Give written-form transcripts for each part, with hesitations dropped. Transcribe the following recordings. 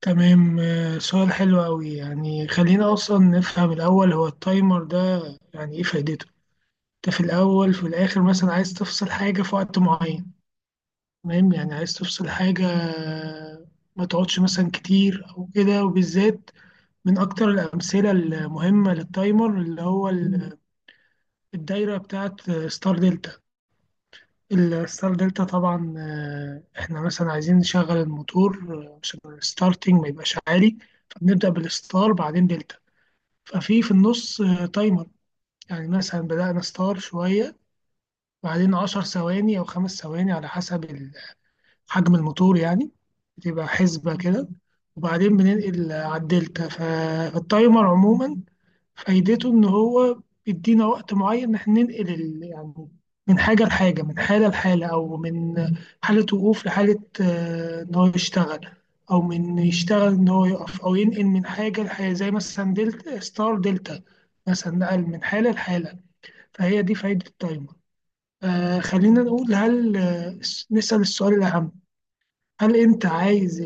تمام. سؤال حلو أوي، يعني خلينا أصلا نفهم الأول هو التايمر ده يعني إيه فايدته؟ أنت في الأول في الآخر، مثلا عايز تفصل حاجة في وقت معين. تمام، يعني عايز تفصل حاجة. ما تقعدش مثلا كتير أو كده. وبالذات من أكتر الأمثلة المهمة للتايمر اللي هو الدايرة بتاعت ستار دلتا. الستار دلتا طبعا، إحنا مثلا عايزين نشغل الموتور عشان الستارتنج ما يبقاش عالي. فبنبدأ بالستار بعدين دلتا. في النص تايمر. يعني مثلا بدأنا ستار شوية، بعدين 10 ثواني أو 5 ثواني على حسب حجم الموتور يعني. بتبقى حسبة كده، وبعدين بننقل على الدلتا. فالتايمر عموما فايدته ان هو بيدينا وقت معين ان احنا ننقل يعني من حاجه لحاجه، من حاله لحاله، او من حاله وقوف لحاله، ان هو يشتغل، او من يشتغل ان هو يقف، او ينقل من حاجه لحاجه زي مثلا دلتا، ستار دلتا. مثلا نقل من حاله لحاله. فهي دي فايده التايمر. خلينا نقول، هل نسأل السؤال الأهم، هل أنت عايز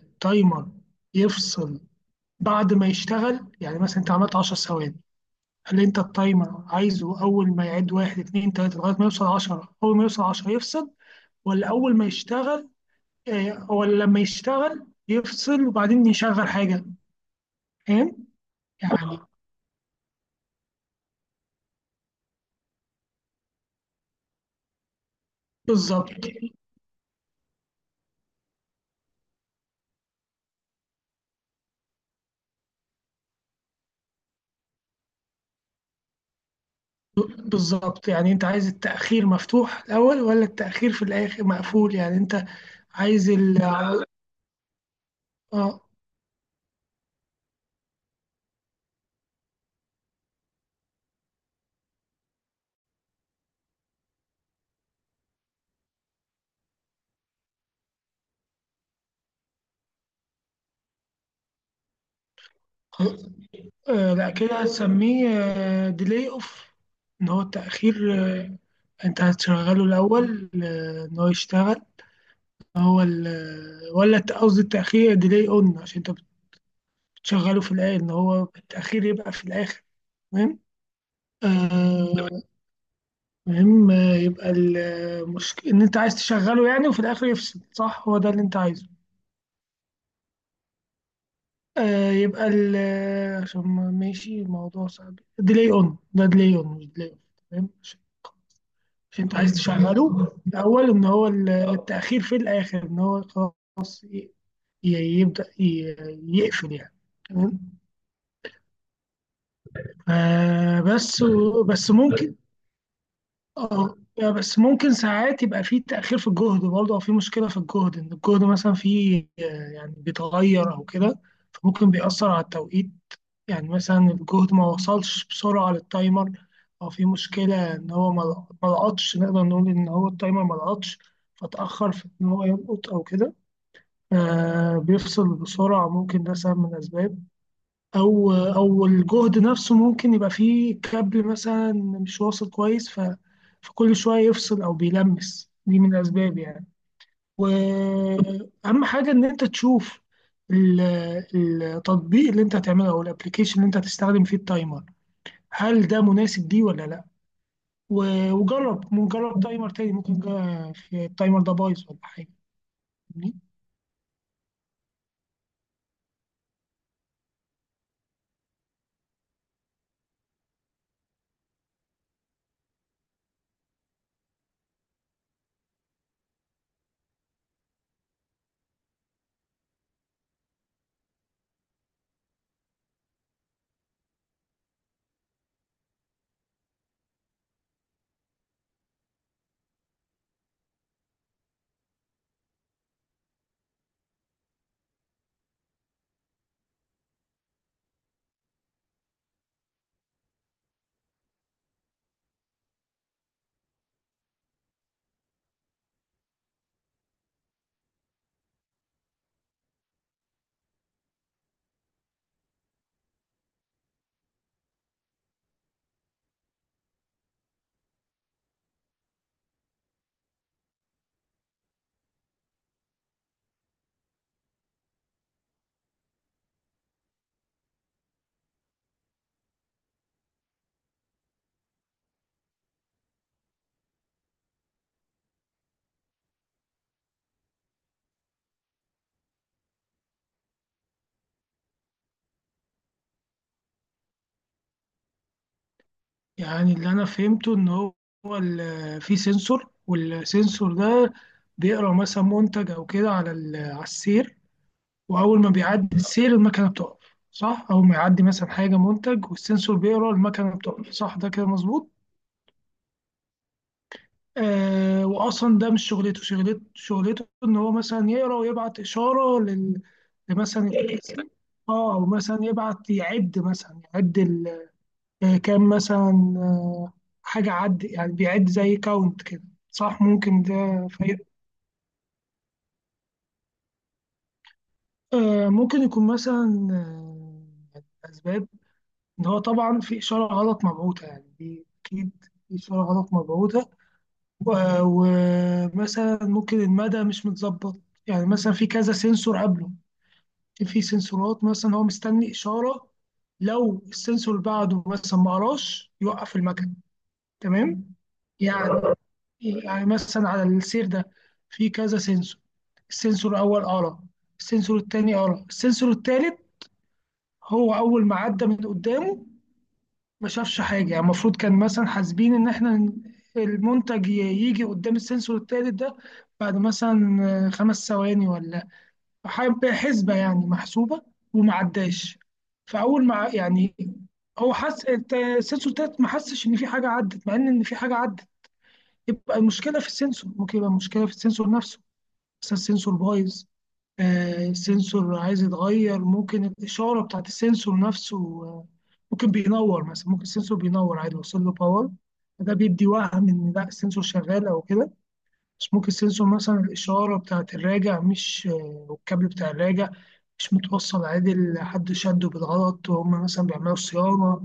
التايمر يفصل بعد ما يشتغل؟ يعني مثلا أنت عملت 10 ثواني، قال لي انت التايمر عايزه اول ما يعد واحد، اتنين، تلاته لغايه ما يوصل 10، اول ما يوصل 10 يفصل، ولا اول ما يشتغل؟ ولا لما يشتغل يفصل وبعدين يشغل حاجه؟ فاهم؟ يعني بالظبط. بالظبط، يعني انت عايز التاخير مفتوح الاول ولا التاخير في الاخر مقفول؟ يعني انت عايز ال اه. لا، كده هتسميه ديلي اوف. ان هو التاخير، انت هتشغله الاول، ان هو يشتغل. هو ال، ولا قصدي التأخير ديلي اون، عشان انت بتشغله في الآية ان هو التأخير يبقى في الآخر. تمام. تمام. المهم، يبقى المشكلة ان انت عايز تشغله يعني وفي الآخر يفصل، صح؟ هو ده اللي انت عايزه. يبقى ال عشان ماشي. الموضوع صعب، ديلي اون ده ديلي اون مش ديلي اون. تمام، عشان انت عايز تشغله الأول، ان هو التأخير في الآخر، ان هو خلاص يبدأ يقفل يعني. تمام. بس بس ممكن اه. بس ممكن ساعات يبقى في تأخير في الجهد برضه، أو في مشكلة في الجهد، إن الجهد مثلا فيه يعني بيتغير أو كده. فممكن بيأثر على التوقيت. يعني مثلا الجهد ما وصلش بسرعة للتايمر، أو في مشكلة إن هو ما لقطش. نقدر نقول إن هو التايمر ما لقطش، فتأخر في إن هو يلقط أو كده. بيفصل بسرعة، ممكن ده سبب من الأسباب. او الجهد نفسه ممكن يبقى فيه كابل مثلا مش واصل كويس، فكل شويه يفصل او بيلمس، دي من الاسباب يعني. واهم حاجه ان انت تشوف ال- التطبيق اللي انت هتعمله او الابلكيشن اللي انت هتستخدم فيه التايمر، هل ده مناسب ليه ولا لا. وجرب، جرب تايمر تاني، ممكن في التايمر ده بايظ ولا حاجه. يعني اللي انا فهمته ان هو في سنسور، والسنسور ده بيقرا مثلا منتج او كده على على السير، واول ما بيعدي السير المكنه بتقف، صح؟ او ما يعدي مثلا حاجه، منتج، والسنسور بيقرا المكنه بتقف، صح، ده كده مظبوط. واصلا ده مش شغلته، ان هو مثلا يقرا ويبعت اشاره لل، لمثلا اه، او مثلا يبعت يعد مثلا يعد، كان مثلا حاجة عد، يعني بيعد زي كاونت كده، صح؟ ممكن ده في ممكن يكون مثلا أسباب. إن هو طبعا في إشارة غلط مبعوثة، يعني دي أكيد في إشارة غلط مبعوثة. ومثلا ممكن المدى مش متظبط. يعني مثلا في كذا سنسور قبله، في سنسورات مثلا هو مستني إشارة. لو السنسور اللي بعده مثلا ما قراش، يوقف المكن. تمام. يعني يعني مثلا على السير ده في كذا سنسور. السنسور الأول قرا، السنسور التاني قرا، السنسور التالت هو أول ما عدى من قدامه ما شافش حاجة. يعني المفروض كان مثلا حاسبين إن إحنا المنتج يجي قدام السنسور التالت ده بعد مثلا 5 ثواني، ولا حسبة يعني محسوبة، وما عداش. فأول ما يعني هو حس السنسور التالت ما حسش إن في حاجة عدت، مع إن في حاجة عدت. يبقى المشكلة في السنسور، ممكن يبقى المشكلة في السنسور نفسه. مثلا السنسور بايظ، السنسور عايز يتغير. ممكن الإشارة بتاعت السنسور نفسه، آه، ممكن بينور. مثلا ممكن السنسور بينور عادي، وصل له باور، ده بيدي وهم إن لا السنسور شغال أو كده. بس ممكن السنسور مثلا الإشارة بتاعت الراجع مش والكابل بتاع الراجع مش متوصل عادل، حد شده بالغلط وهم مثلا بيعملوا صيانة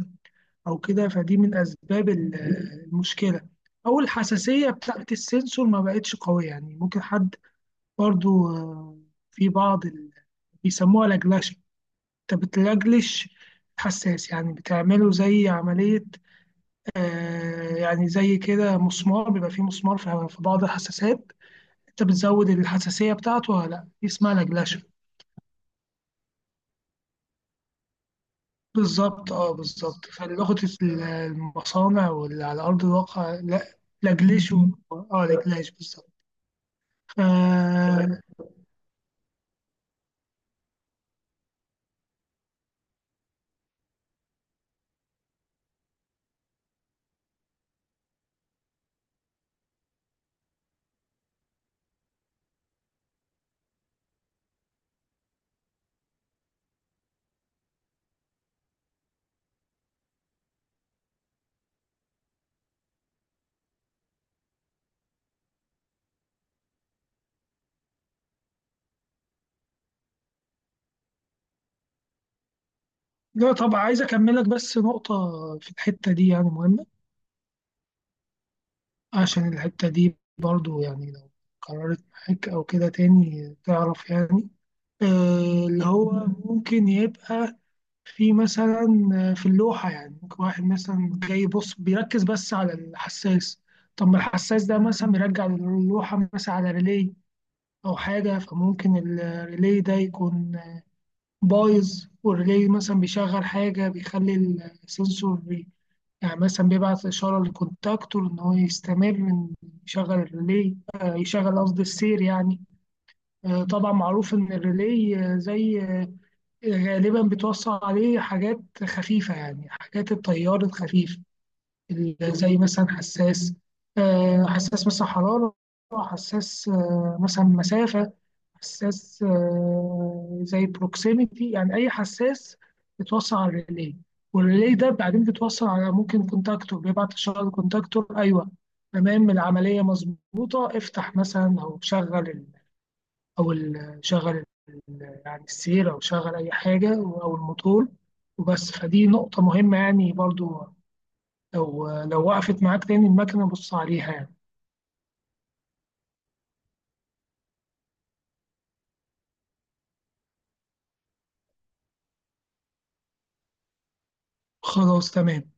أو كده. فدي من أسباب المشكلة، أو الحساسية بتاعت السنسور ما بقتش قوية. يعني ممكن حد برضو في بعض بيسموها لجلشة. انت بتلجلش حساس، يعني بتعمله زي عملية. يعني زي كده مسمار، بيبقى فيه مسمار في بعض الحساسات، انت بتزود الحساسية بتاعته ولا لا، دي اسمها لجلشة. بالظبط، اه بالظبط. فلغة المصانع واللي على أرض الواقع لا، لجلشوا، اه، لجلاش بالظبط. ف- لا طبعا، عايز أكملك بس نقطة في الحتة دي يعني مهمة. عشان الحتة دي برضو يعني لو قررت معاك أو كده تاني تعرف يعني اللي هو ممكن يبقى في مثلا في اللوحة. يعني ممكن واحد مثلا جاي يبص بيركز بس على الحساس. طب ما الحساس ده مثلا بيرجع اللوحة مثلا على ريلي أو حاجة، فممكن الريلي ده يكون بايظ. والريلي مثلا بيشغل حاجة، بيخلي السنسور يعني مثلا بيبعت إشارة للكونتاكتور إن هو يستمر، إن يشغل الريلي، يشغل قصدي السير يعني. طبعا معروف إن الريلي زي غالبا بتوصل عليه حاجات خفيفة، يعني حاجات التيار الخفيف، زي مثلا حساس، حساس مثلا حرارة، حساس مثلا مسافة، حساس زي بروكسيميتي. يعني أي حساس بيتوصل على الريلي، والريلي ده بعدين بيتوصل على ممكن كونتاكتور، بيبعت إشارة للكونتاكتور. أيوه، تمام، العملية مظبوطة. افتح مثلا أو شغل أو شغل يعني السير، أو شغل أي حاجة أو الموتور وبس. فدي نقطة مهمة يعني برضو، لو وقفت معاك تاني المكنة بص عليها يعني. خلاص تمام.